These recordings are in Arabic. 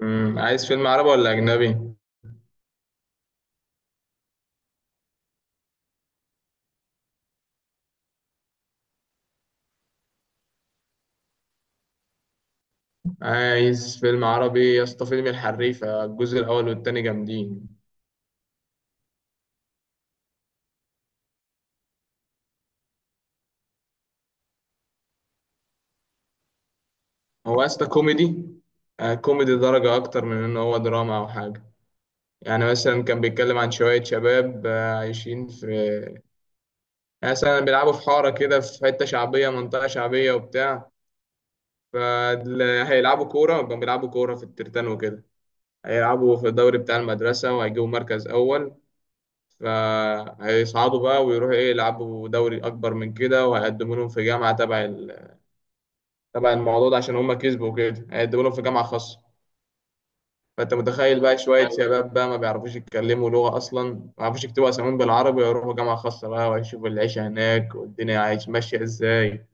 مم. عايز فيلم عربي ولا أجنبي؟ عايز فيلم عربي يا اسطى، فيلم الحريفة الجزء الأول والتاني جامدين. هو يا اسطى كوميدي؟ آه، كوميدي درجة أكتر من إن هو دراما أو حاجة. يعني مثلا كان بيتكلم عن شوية شباب عايشين في، يعني مثلا بيلعبوا في حارة كده، في حتة شعبية، منطقة شعبية وبتاع. فهيلعبوا كورة، كانوا بيلعبوا كورة في الترتان وكده. هيلعبوا في الدوري بتاع المدرسة وهيجيبوا مركز أول. فهيصعدوا بقى ويروحوا ايه، يلعبوا دوري اكبر من كده، وهيقدموا لهم في جامعه تبع تبع الموضوع ده، عشان هم كسبوا كده هيقدموا لهم في جامعه خاصه. فانت متخيل بقى، شويه شباب بقى ما بيعرفوش يتكلموا لغه اصلا، ما بيعرفوش يكتبوا اساميهم بالعربي، يروحوا جامعه خاصه بقى، ويشوفوا العيشه هناك والدنيا عايش ماشيه ازاي.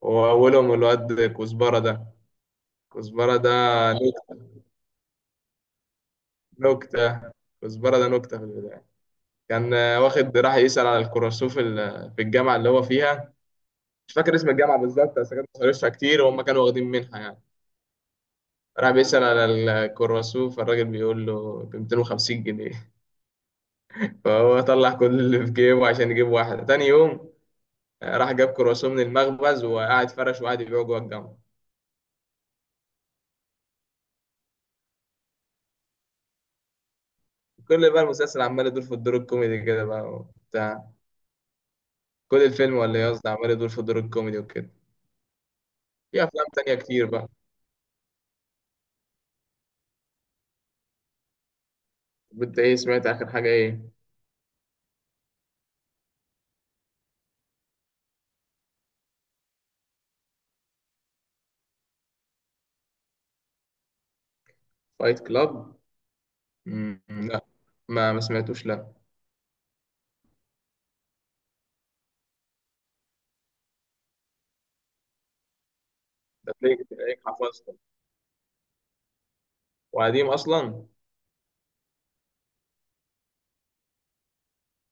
واولهم الواد كزبره ده. كزبره ده نك- نكته. كزبره ده نكته في البدايه. كان واخد راح يسال على الكراسوف في الجامعه اللي هو فيها. مش فاكر اسم الجامعه بالظبط، بس كانت مصاريفها كتير وهم كانوا واخدين منها يعني. راح بيسأل على الكرواسون، فالراجل بيقول له ب 250 جنيه. فهو طلع كل اللي في جيبه عشان يجيب واحده تاني يوم. راح جاب كرواسون من المخبز وقعد فرش وقعد يبيعه جوه الجامعه. كل بقى المسلسل عمال يدور في الدور الكوميدي كده بقى وبتاع. كل الفيلم، ولا إيه قصدي، عمال يدور في الدور الكوميدي وكده. في افلام تانية كتير بقى. انت ايه سمعت اخر حاجه ايه؟ فايت كلاب؟ لا. ما سمعتوش، لا. ده تلاقيك حفظت. وقديم اصلا.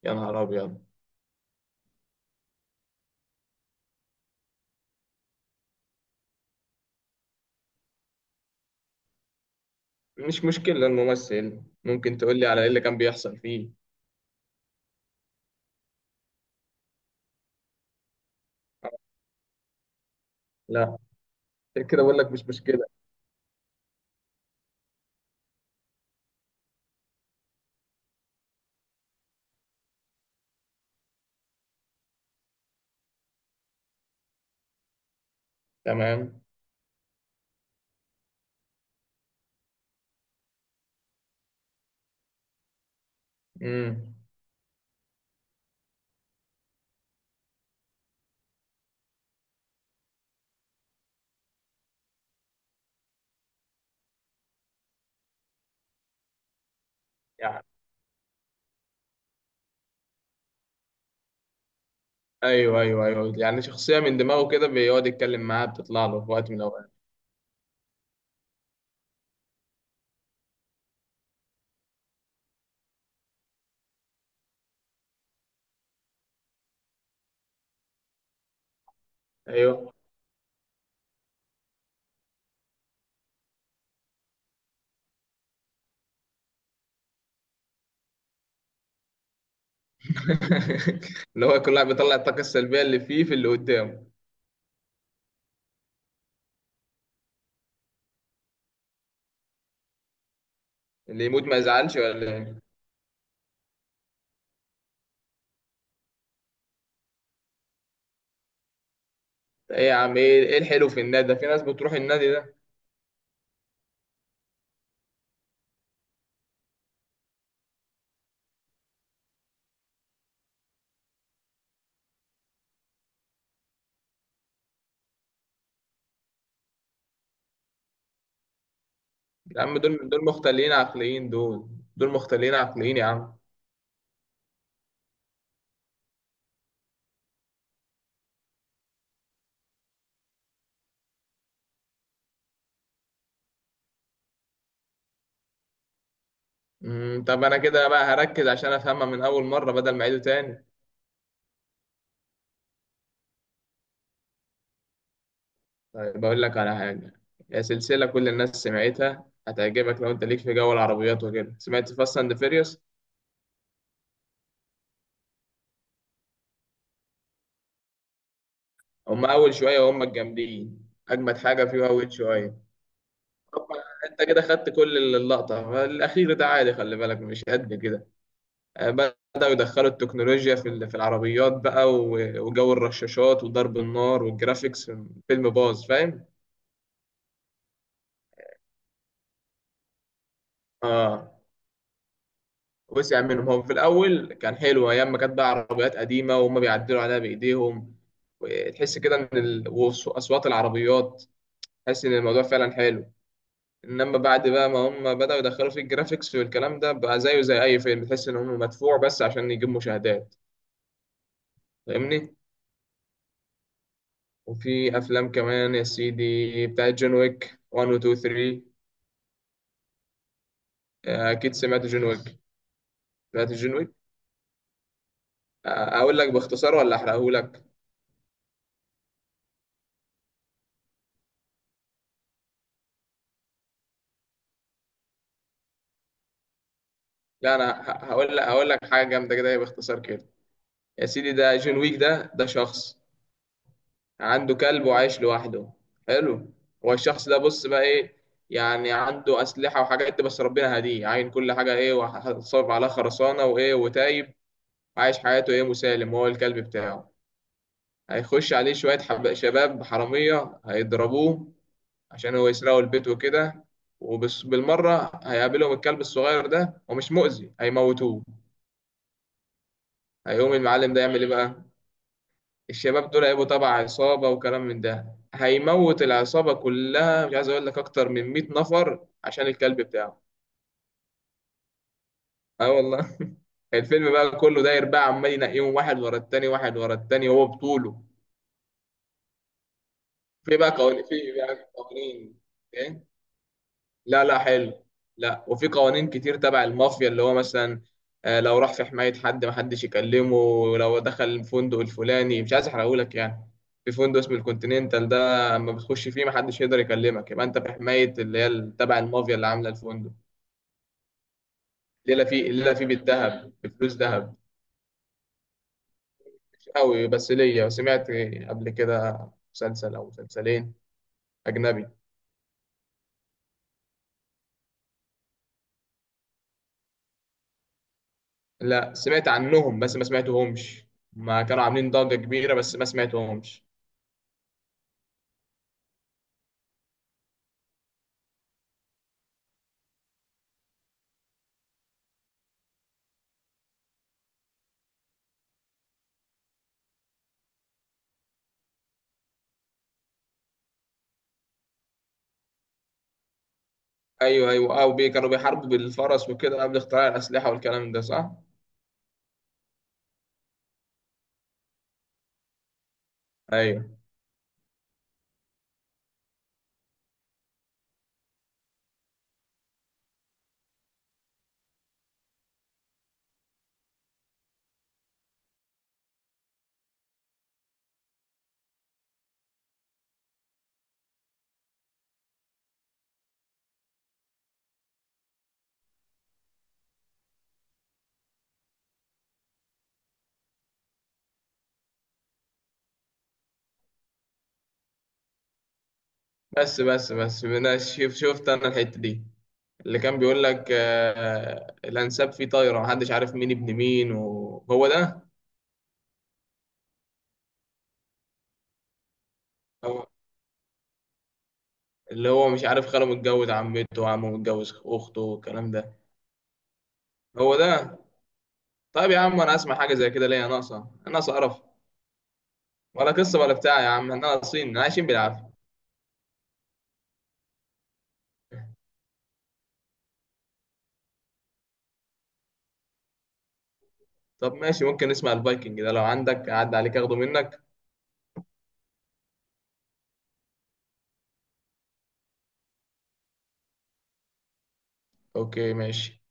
يا نهار ابيض. مش مشكله الممثل، ممكن تقول لي على ايه اللي كان بيحصل فيه. لا، عشان كده بقول لك مش مشكله. تمام. امم. يعني. ايوه ايوه ايوه، يعني شخصيه من دماغه كده بيقعد يتكلم معاها، بتطلع له في وقت من الاوقات. ايوه. اللي هو كل واحد بيطلع الطاقه السلبيه اللي فيه في اللي قدامه. اللي يموت ما يزعلش ولا ايه؟ ايه يا عم، ايه الحلو في النادي ده، في ناس بتروح النادي ده؟ يا عم، دول مختلين عقليين دول. دول مختلين عقليين يا عم. طب انا كده بقى هركز عشان افهمها من اول مره بدل ما اعيده تاني. طيب بقول لك على حاجه. هي سلسله كل الناس سمعتها هتعجبك، لو انت ليك في جو العربيات وكده، سمعت فاست اند فيريوس؟ هم اول شويه، وهم الجامدين، اجمد حاجه فيه اول شويه. طب انت كده خدت كل اللقطه، الاخير ده عادي خلي بالك مش قد كده. بدأوا يدخلوا التكنولوجيا في في العربيات بقى، وجو الرشاشات وضرب النار والجرافيكس. فيلم باظ، فاهم؟ اه، وسع منهم. هم في الأول كان حلو أيام ما كانت بقى عربيات قديمة، وهم بيعدلوا عليها بإيديهم، وتحس كده إن وأصوات العربيات، تحس إن الموضوع فعلا حلو. إنما بعد بقى ما هم بدأوا يدخلوا في الجرافيكس والكلام ده، بقى زيه زي أي فيلم، تحس إن هم مدفوع بس عشان يجيب مشاهدات. فاهمني؟ وفي أفلام كمان يا سيدي بتاعت جون ويك 1 و 2 3. أكيد سمعت جون ويك. سمعت جون ويك؟ أقول لك باختصار ولا أحرقهولك؟ لا أنا هقول لك حاجة جامدة كده باختصار كده. يا سيدي، ده جون ويك، ده شخص عنده كلب وعايش لوحده. حلو. هو الشخص ده بص بقى ايه، يعني عنده أسلحة وحاجات، بس ربنا هديه، عاين كل حاجة ايه، وهتصرف عليها خرسانة وايه وتايب. عايش حياته ايه مسالم هو الكلب بتاعه. هيخش عليه شوية شباب حرامية هيضربوه عشان هو يسرقوا البيت وكده، وبالمرة هيقابلهم الكلب الصغير ده، ومش مؤذي، هيموتوه. هيقوم المعلم ده يعمل ايه بقى؟ الشباب دول هيبقوا تبع عصابة وكلام من ده، هيموت العصابة كلها، مش عايز أقول لك، أكتر من 100 نفر عشان الكلب بتاعه. اه والله. الفيلم بقى كله داير بقى، عمال ينقيهم واحد ورا التاني، واحد ورا التاني، وهو بطوله. في بقى قوانين، في بقى قوانين. إيه؟ لا لا، حلو. لا، وفي قوانين كتير تبع المافيا، اللي هو مثلا لو راح في حماية حد محدش يكلمه، ولو دخل الفندق الفلاني، مش عايز احرقهولك يعني، في فندق اسمه الكونتيننتال ده، اما بتخش فيه محدش يقدر يكلمك، يبقى انت في حماية اللي هي تبع المافيا اللي عاملة الفندق. ليلة فيه، ليلة فيه بالذهب، بفلوس ذهب. مش قوي، بس ليا سمعت قبل كده مسلسل او مسلسلين اجنبي. لا سمعت عنهم بس ما سمعتهمش. ما كانوا عاملين ضجة كبيرة، بس ما سمعتهمش. ايوه ايوه، او بي كانوا بيحاربوا بالفرس وكده، قبل اختراع الاسلحه والكلام ده، صح؟ ايوه. بس بس بس، انا شفت انا الحته دي، اللي كان بيقول لك الانساب فيه طايره، محدش عارف مين ابن مين، وهو ده. هو اللي هو مش عارف خاله متجوز عمته، وعمه متجوز اخته، والكلام ده. هو ده. طيب يا عم، انا اسمع حاجه زي كده ليه؟ يا ناقصه ناقصه قرف. ولا قصه ولا بتاع يا عم، احنا ناقصين، عايشين بالعافيه. طب ماشي، ممكن نسمع الفايكنج ده لو عندك، عدى عليك اخده منك. اوكي ماشي.